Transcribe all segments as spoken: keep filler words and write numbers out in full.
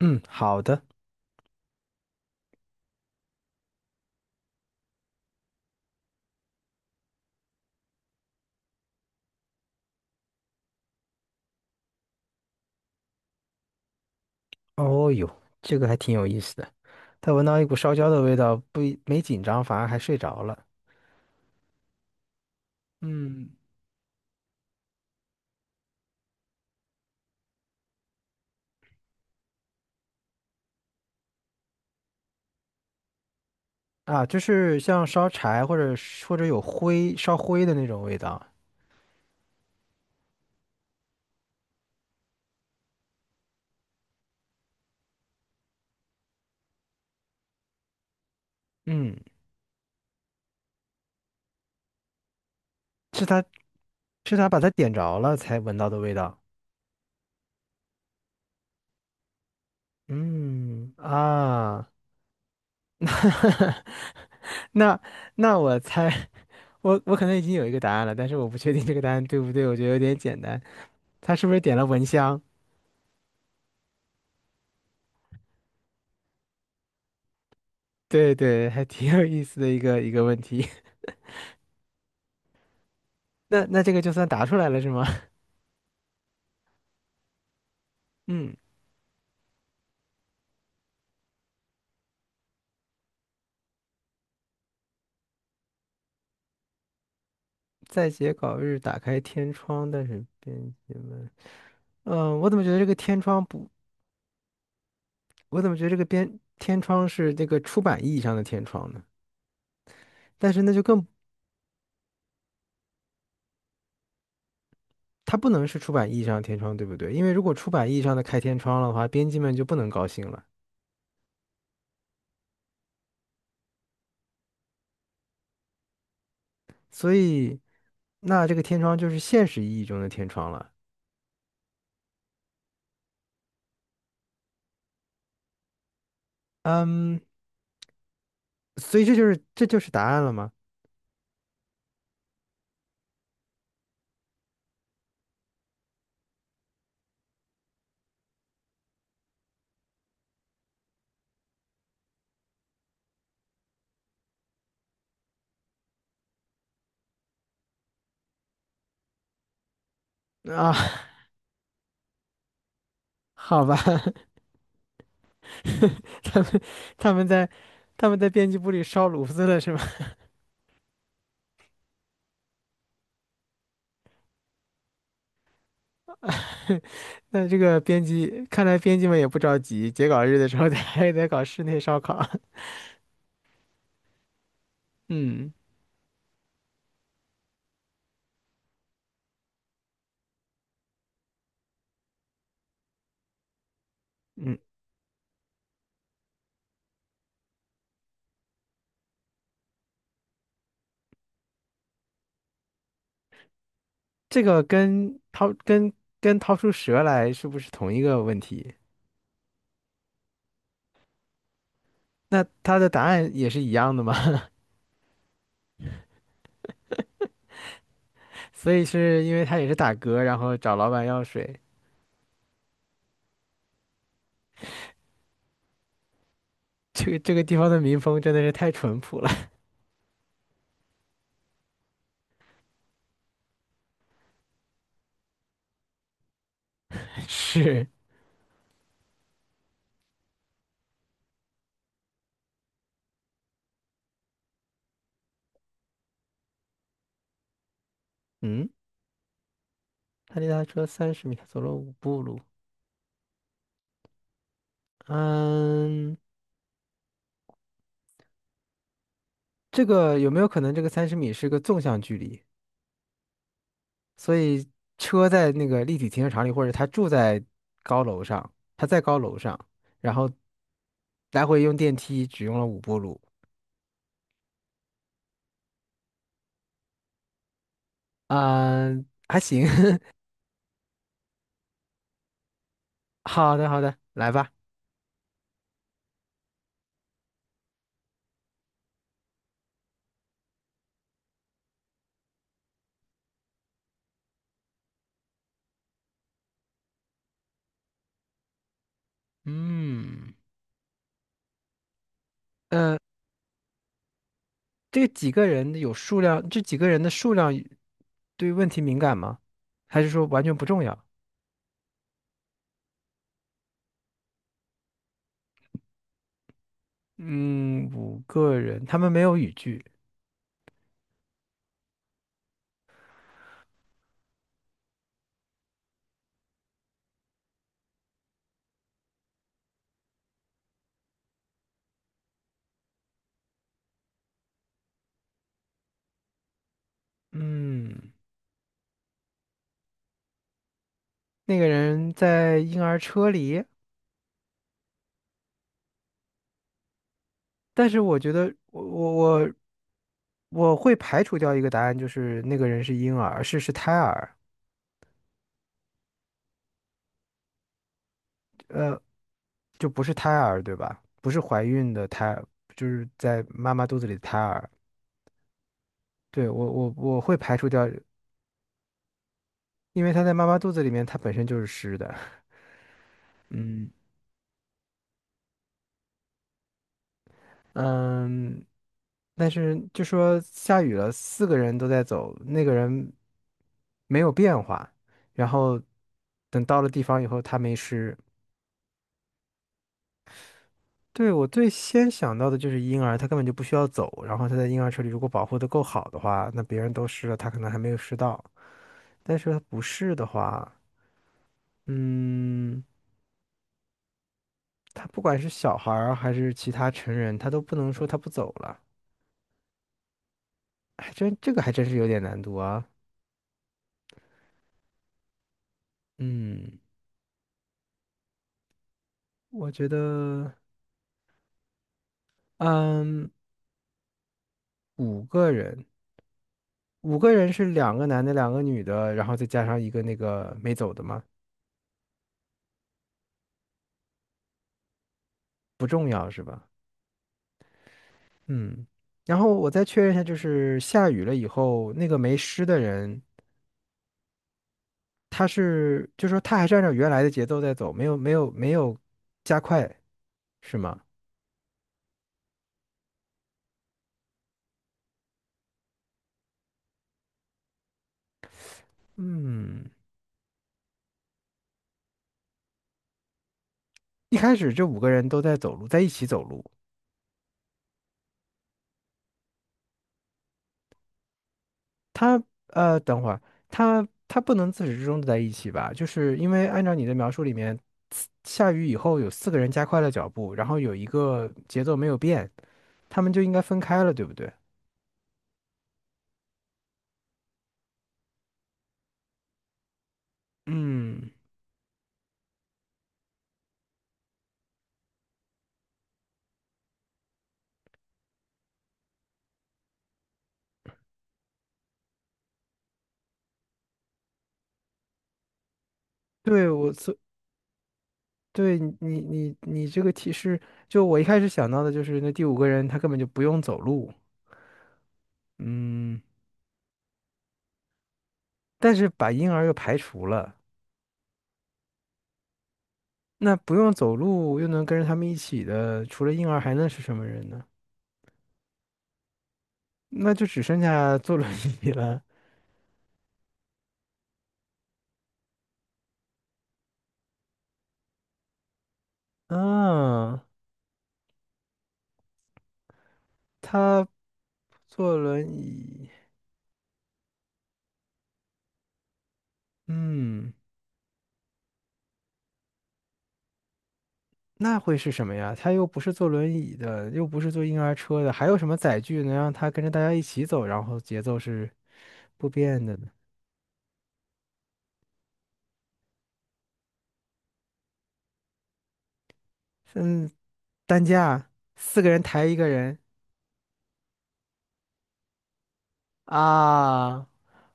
嗯，好的。哦哟，这个还挺有意思的。他闻到一股烧焦的味道，不一没紧张，反而还睡着了。嗯，啊，就是像烧柴或者是或者有灰烧灰的那种味道。嗯，是他是他把它点着了才闻到的味道。嗯啊，那那那我猜，我我可能已经有一个答案了，但是我不确定这个答案对不对，我觉得有点简单。他是不是点了蚊香？对对，还挺有意思的一个一个问题。那那这个就算答出来了是吗？嗯，在截稿日打开天窗，但是编辑们，嗯、我怎么觉得这个天窗不，我怎么觉得这个编天窗是这个出版意义上的天窗呢？但是那就更，它不能是出版意义上的天窗，对不对？因为如果出版意义上的开天窗了的话，编辑们就不能高兴了。所以，那这个天窗就是现实意义中的天窗了。嗯，所以这就是这就是答案了吗？啊，好吧。他们他们在他们在编辑部里烧炉子了是吗？那这个编辑看来编辑们也不着急，截稿日的时候得还得搞室内烧烤。嗯嗯，这个跟掏跟跟掏出蛇来是不是同一个问题？那他的答案也是一样的吗？所以是因为他也是打嗝，然后找老板要水。这个这个地方的民风真的是太淳朴了。是，嗯，他离他车三十米，走了五步路。嗯。这个有没有可能这个三十米是个纵向距离？所以车在那个立体停车场里，或者他住在高楼上，他在高楼上，然后来回用电梯只用了五步路。嗯、还行。好的，好的，来吧。嗯，呃，这几个人有数量，这几个人的数量对问题敏感吗？还是说完全不重要？嗯，五个人，他们没有语句。嗯，那个人在婴儿车里。但是我觉得我我我我会排除掉一个答案，就是那个人是婴儿，是是胎儿，呃，就不是胎儿，对吧？不是怀孕的胎，儿，就是在妈妈肚子里的胎儿。对，我我我会排除掉，因为他在妈妈肚子里面，他本身就是湿的。嗯嗯，但是就说下雨了，四个人都在走，那个人没有变化，然后等到了地方以后，他没湿。对，我最先想到的就是婴儿，他根本就不需要走，然后他在婴儿车里如果保护的够好的话，那别人都湿了，他可能还没有湿到。但是他不是的话，嗯，他不管是小孩儿还是其他成人，他都不能说他不走了，还真这个还真是有点难度啊。嗯，我觉得，嗯，五个人，五个人是两个男的，两个女的，然后再加上一个那个没走的吗？不重要是吧？嗯，然后我再确认一下，就是下雨了以后，那个没湿的人，他是，就说他还是按照原来的节奏在走，没有没有没有加快，是吗？嗯，一开始这五个人都在走路，在一起走路。他呃，等会儿他他不能自始至终都在一起吧？就是因为按照你的描述里面，下雨以后有四个人加快了脚步，然后有一个节奏没有变，他们就应该分开了，对不对？嗯，对，我所对你，你你你这个提示，就我一开始想到的就是那第五个人他根本就不用走路，嗯，但是把婴儿又排除了，那不用走路又能跟着他们一起的，除了婴儿还能是什么人呢？那就只剩下坐轮椅了。啊，他坐轮椅，嗯，那会是什么呀？他又不是坐轮椅的，又不是坐婴儿车的，还有什么载具能让他跟着大家一起走，然后节奏是不变的呢？嗯，担架，四个人抬一个人啊！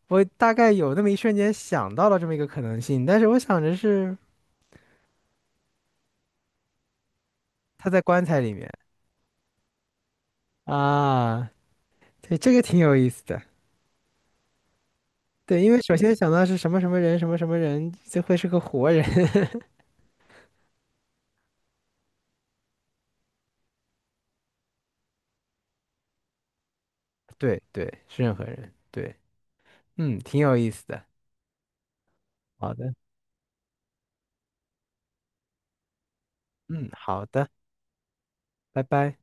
我大概有那么一瞬间想到了这么一个可能性，但是我想着是他在棺材里面啊，对，这个挺有意思的。对，因为首先想到是什么什么人，什么什么人，这会是个活人。对对，是任何人。对，嗯，挺有意思的。好的，嗯，好的，拜拜。